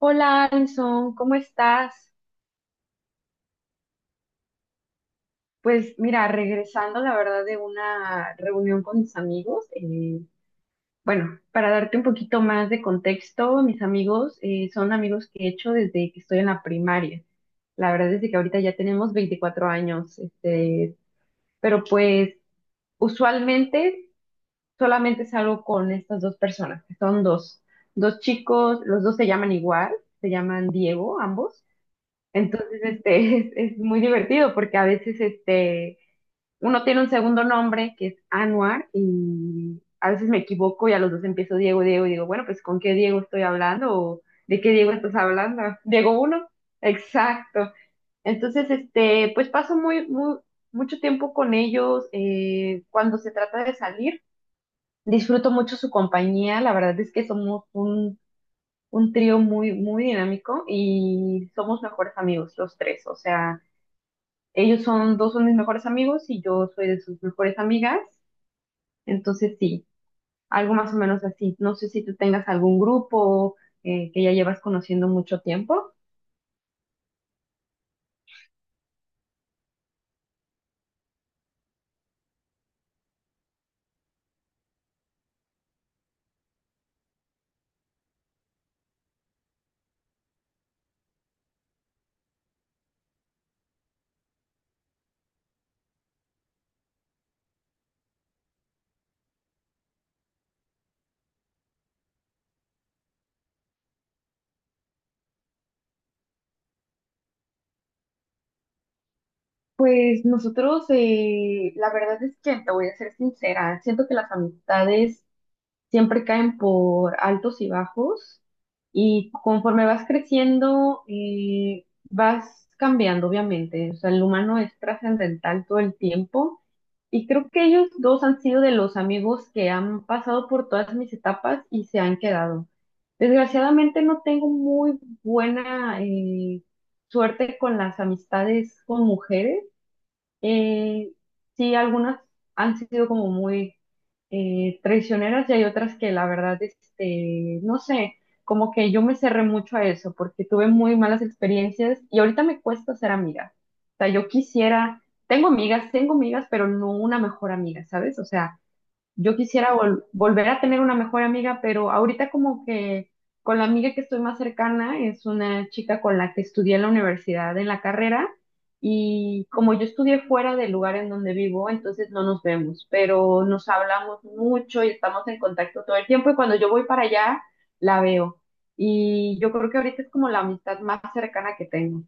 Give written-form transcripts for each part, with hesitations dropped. Hola, Alison, ¿cómo estás? Pues mira, regresando la verdad de una reunión con mis amigos, bueno, para darte un poquito más de contexto, mis amigos son amigos que he hecho desde que estoy en la primaria. La verdad es de que ahorita ya tenemos 24 años, pero pues usualmente solamente salgo con estas dos personas, que son dos chicos, los dos se llaman igual, se llaman Diego, ambos. Entonces, es muy divertido porque a veces, uno tiene un segundo nombre que es Anuar y a veces me equivoco y a los dos empiezo Diego y digo, bueno, pues ¿con qué Diego estoy hablando? ¿O de qué Diego estás hablando? ¿Diego uno? Exacto. Entonces, pues paso mucho tiempo con ellos. Cuando se trata de salir, disfruto mucho su compañía. La verdad es que somos un trío muy dinámico y somos mejores amigos los tres. O sea, dos son mis mejores amigos y yo soy de sus mejores amigas. Entonces, sí, algo más o menos así. No sé si tú tengas algún grupo que ya llevas conociendo mucho tiempo. Pues nosotros, la verdad es que te voy a ser sincera, siento que las amistades siempre caen por altos y bajos y conforme vas creciendo, vas cambiando, obviamente. O sea, el humano es trascendental todo el tiempo y creo que ellos dos han sido de los amigos que han pasado por todas mis etapas y se han quedado. Desgraciadamente no tengo muy buena suerte con las amistades con mujeres. Eh, sí, algunas han sido como muy traicioneras y hay otras que la verdad, no sé, como que yo me cerré mucho a eso porque tuve muy malas experiencias y ahorita me cuesta ser amiga. O sea, yo quisiera, tengo amigas, pero no una mejor amiga, ¿sabes? O sea, yo quisiera volver a tener una mejor amiga, pero ahorita como que con la amiga que estoy más cercana es una chica con la que estudié en la universidad, en la carrera, y como yo estudié fuera del lugar en donde vivo, entonces no nos vemos, pero nos hablamos mucho y estamos en contacto todo el tiempo y cuando yo voy para allá, la veo. Y yo creo que ahorita es como la amistad más cercana que tengo.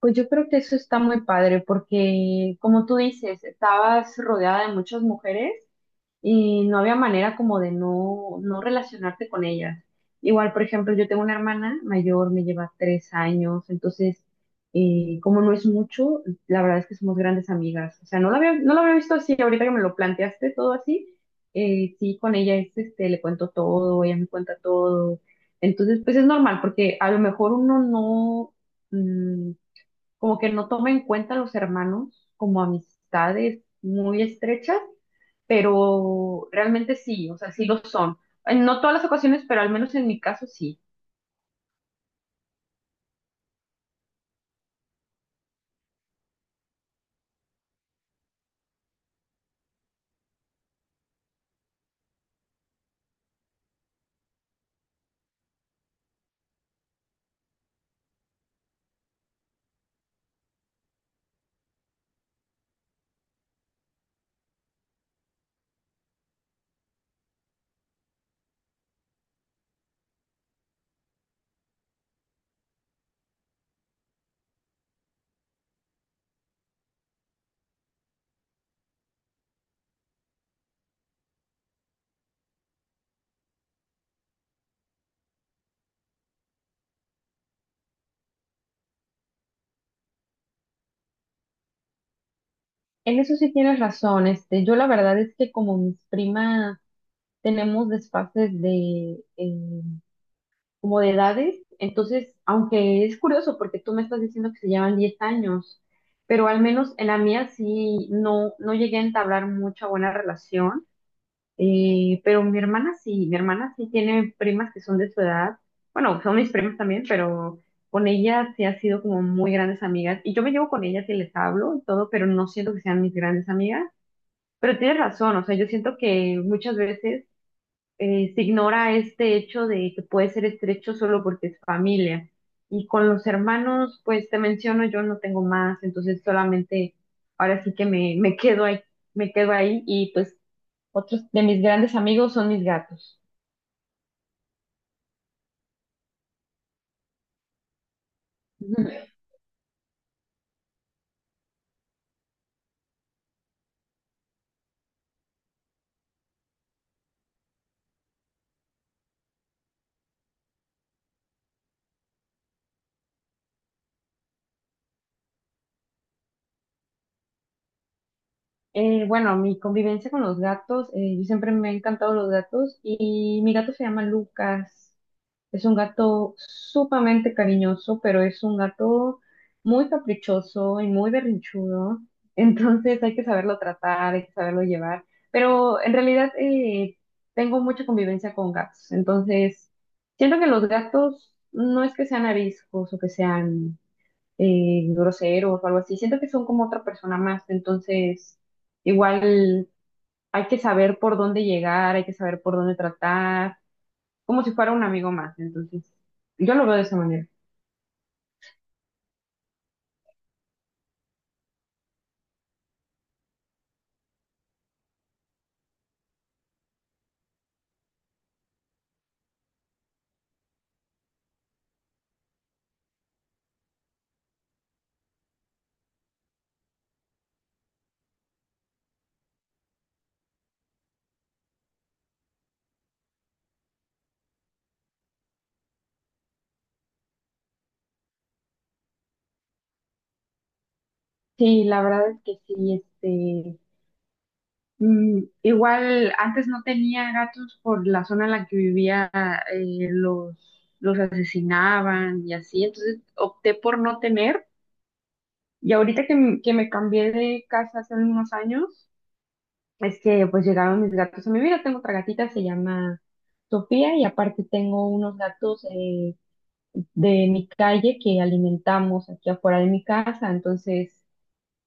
Pues yo creo que eso está muy padre porque, como tú dices, estabas rodeada de muchas mujeres y no había manera como de no relacionarte con ellas. Igual, por ejemplo, yo tengo una hermana mayor, me lleva tres años, entonces, como no es mucho, la verdad es que somos grandes amigas. O sea, no lo había visto así, ahorita que me lo planteaste todo así, sí, con ella le cuento todo, ella me cuenta todo. Entonces, pues es normal, porque a lo mejor uno no, mm, como que no toma en cuenta a los hermanos como amistades muy estrechas, pero realmente sí, o sea, sí lo son. En no todas las ocasiones, pero al menos en mi caso sí. En eso sí tienes razón, yo la verdad es que como mis primas tenemos desfases como de edades, entonces, aunque es curioso porque tú me estás diciendo que se llevan 10 años, pero al menos en la mía no llegué a entablar mucha buena relación. Pero mi hermana sí tiene primas que son de su edad. Bueno, son mis primas también, pero con ellas sí ha sido como muy grandes amigas. Y yo me llevo con ellas y les hablo y todo, pero no siento que sean mis grandes amigas. Pero tienes razón, o sea, yo siento que muchas veces se ignora este hecho de que puede ser estrecho solo porque es familia. Y con los hermanos, pues te menciono, yo no tengo más, entonces solamente ahora sí que me quedo ahí, me quedo ahí, y pues otros de mis grandes amigos son mis gatos. Ujú. Bueno, mi convivencia con los gatos, yo siempre me han encantado los gatos y mi gato se llama Lucas. Es un gato sumamente cariñoso, pero es un gato muy caprichoso y muy berrinchudo. Entonces hay que saberlo tratar, hay que saberlo llevar. Pero en realidad tengo mucha convivencia con gatos. Entonces siento que los gatos no es que sean ariscos o que sean groseros o algo así. Siento que son como otra persona más, entonces igual hay que saber por dónde llegar, hay que saber por dónde tratar, como si fuera un amigo más, entonces yo lo veo de esa manera. Sí, la verdad es que sí, igual antes no tenía gatos por la zona en la que vivía, eh, los, los asesinaban y así, entonces opté por no tener. Y ahorita que, que me cambié de casa hace unos años, es que pues llegaron mis gatos a mi vida. Tengo otra gatita, se llama Sofía, y aparte tengo unos gatos de mi calle que alimentamos aquí afuera de mi casa. Entonces,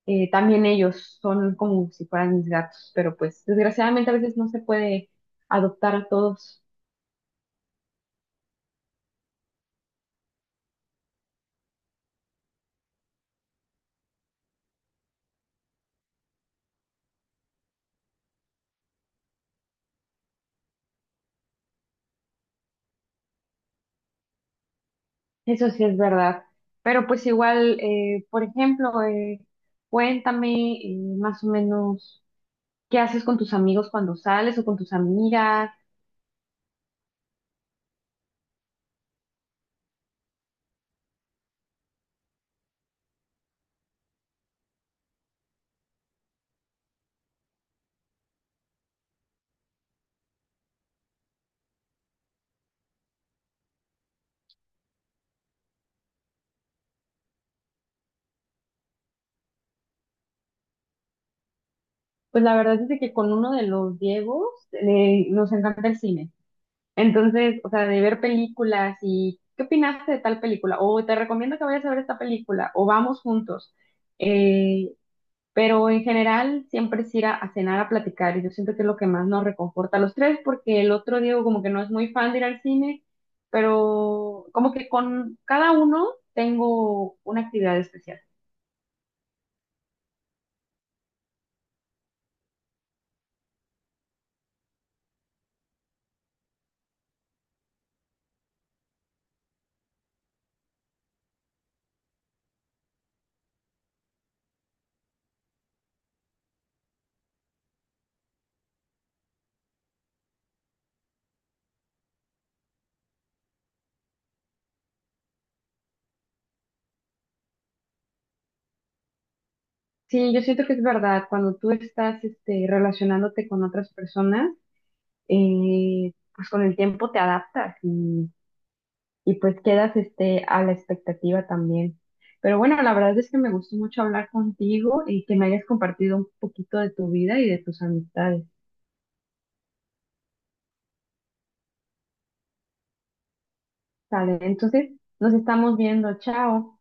también ellos son como si fueran mis gatos, pero pues desgraciadamente a veces no se puede adoptar a todos. Eso sí es verdad. Pero pues igual, por ejemplo, cuéntame más o menos qué haces con tus amigos cuando sales o con tus amigas. Pues la verdad es de que con uno de los Diegos nos encanta el cine. Entonces, o sea, de ver películas y ¿qué opinaste de tal película? O te recomiendo que vayas a ver esta película, o vamos juntos. Eh, pero en general siempre es ir a cenar a platicar y yo siento que es lo que más nos reconforta a los tres porque el otro Diego como que no es muy fan de ir al cine, pero como que con cada uno tengo una actividad especial. Sí, yo siento que es verdad, cuando tú estás relacionándote con otras personas, pues con el tiempo te y pues quedas a la expectativa también. Pero bueno, la verdad es que me gustó mucho hablar contigo y que me hayas compartido un poquito de tu vida y de tus amistades. Sale, entonces nos estamos viendo. Chao.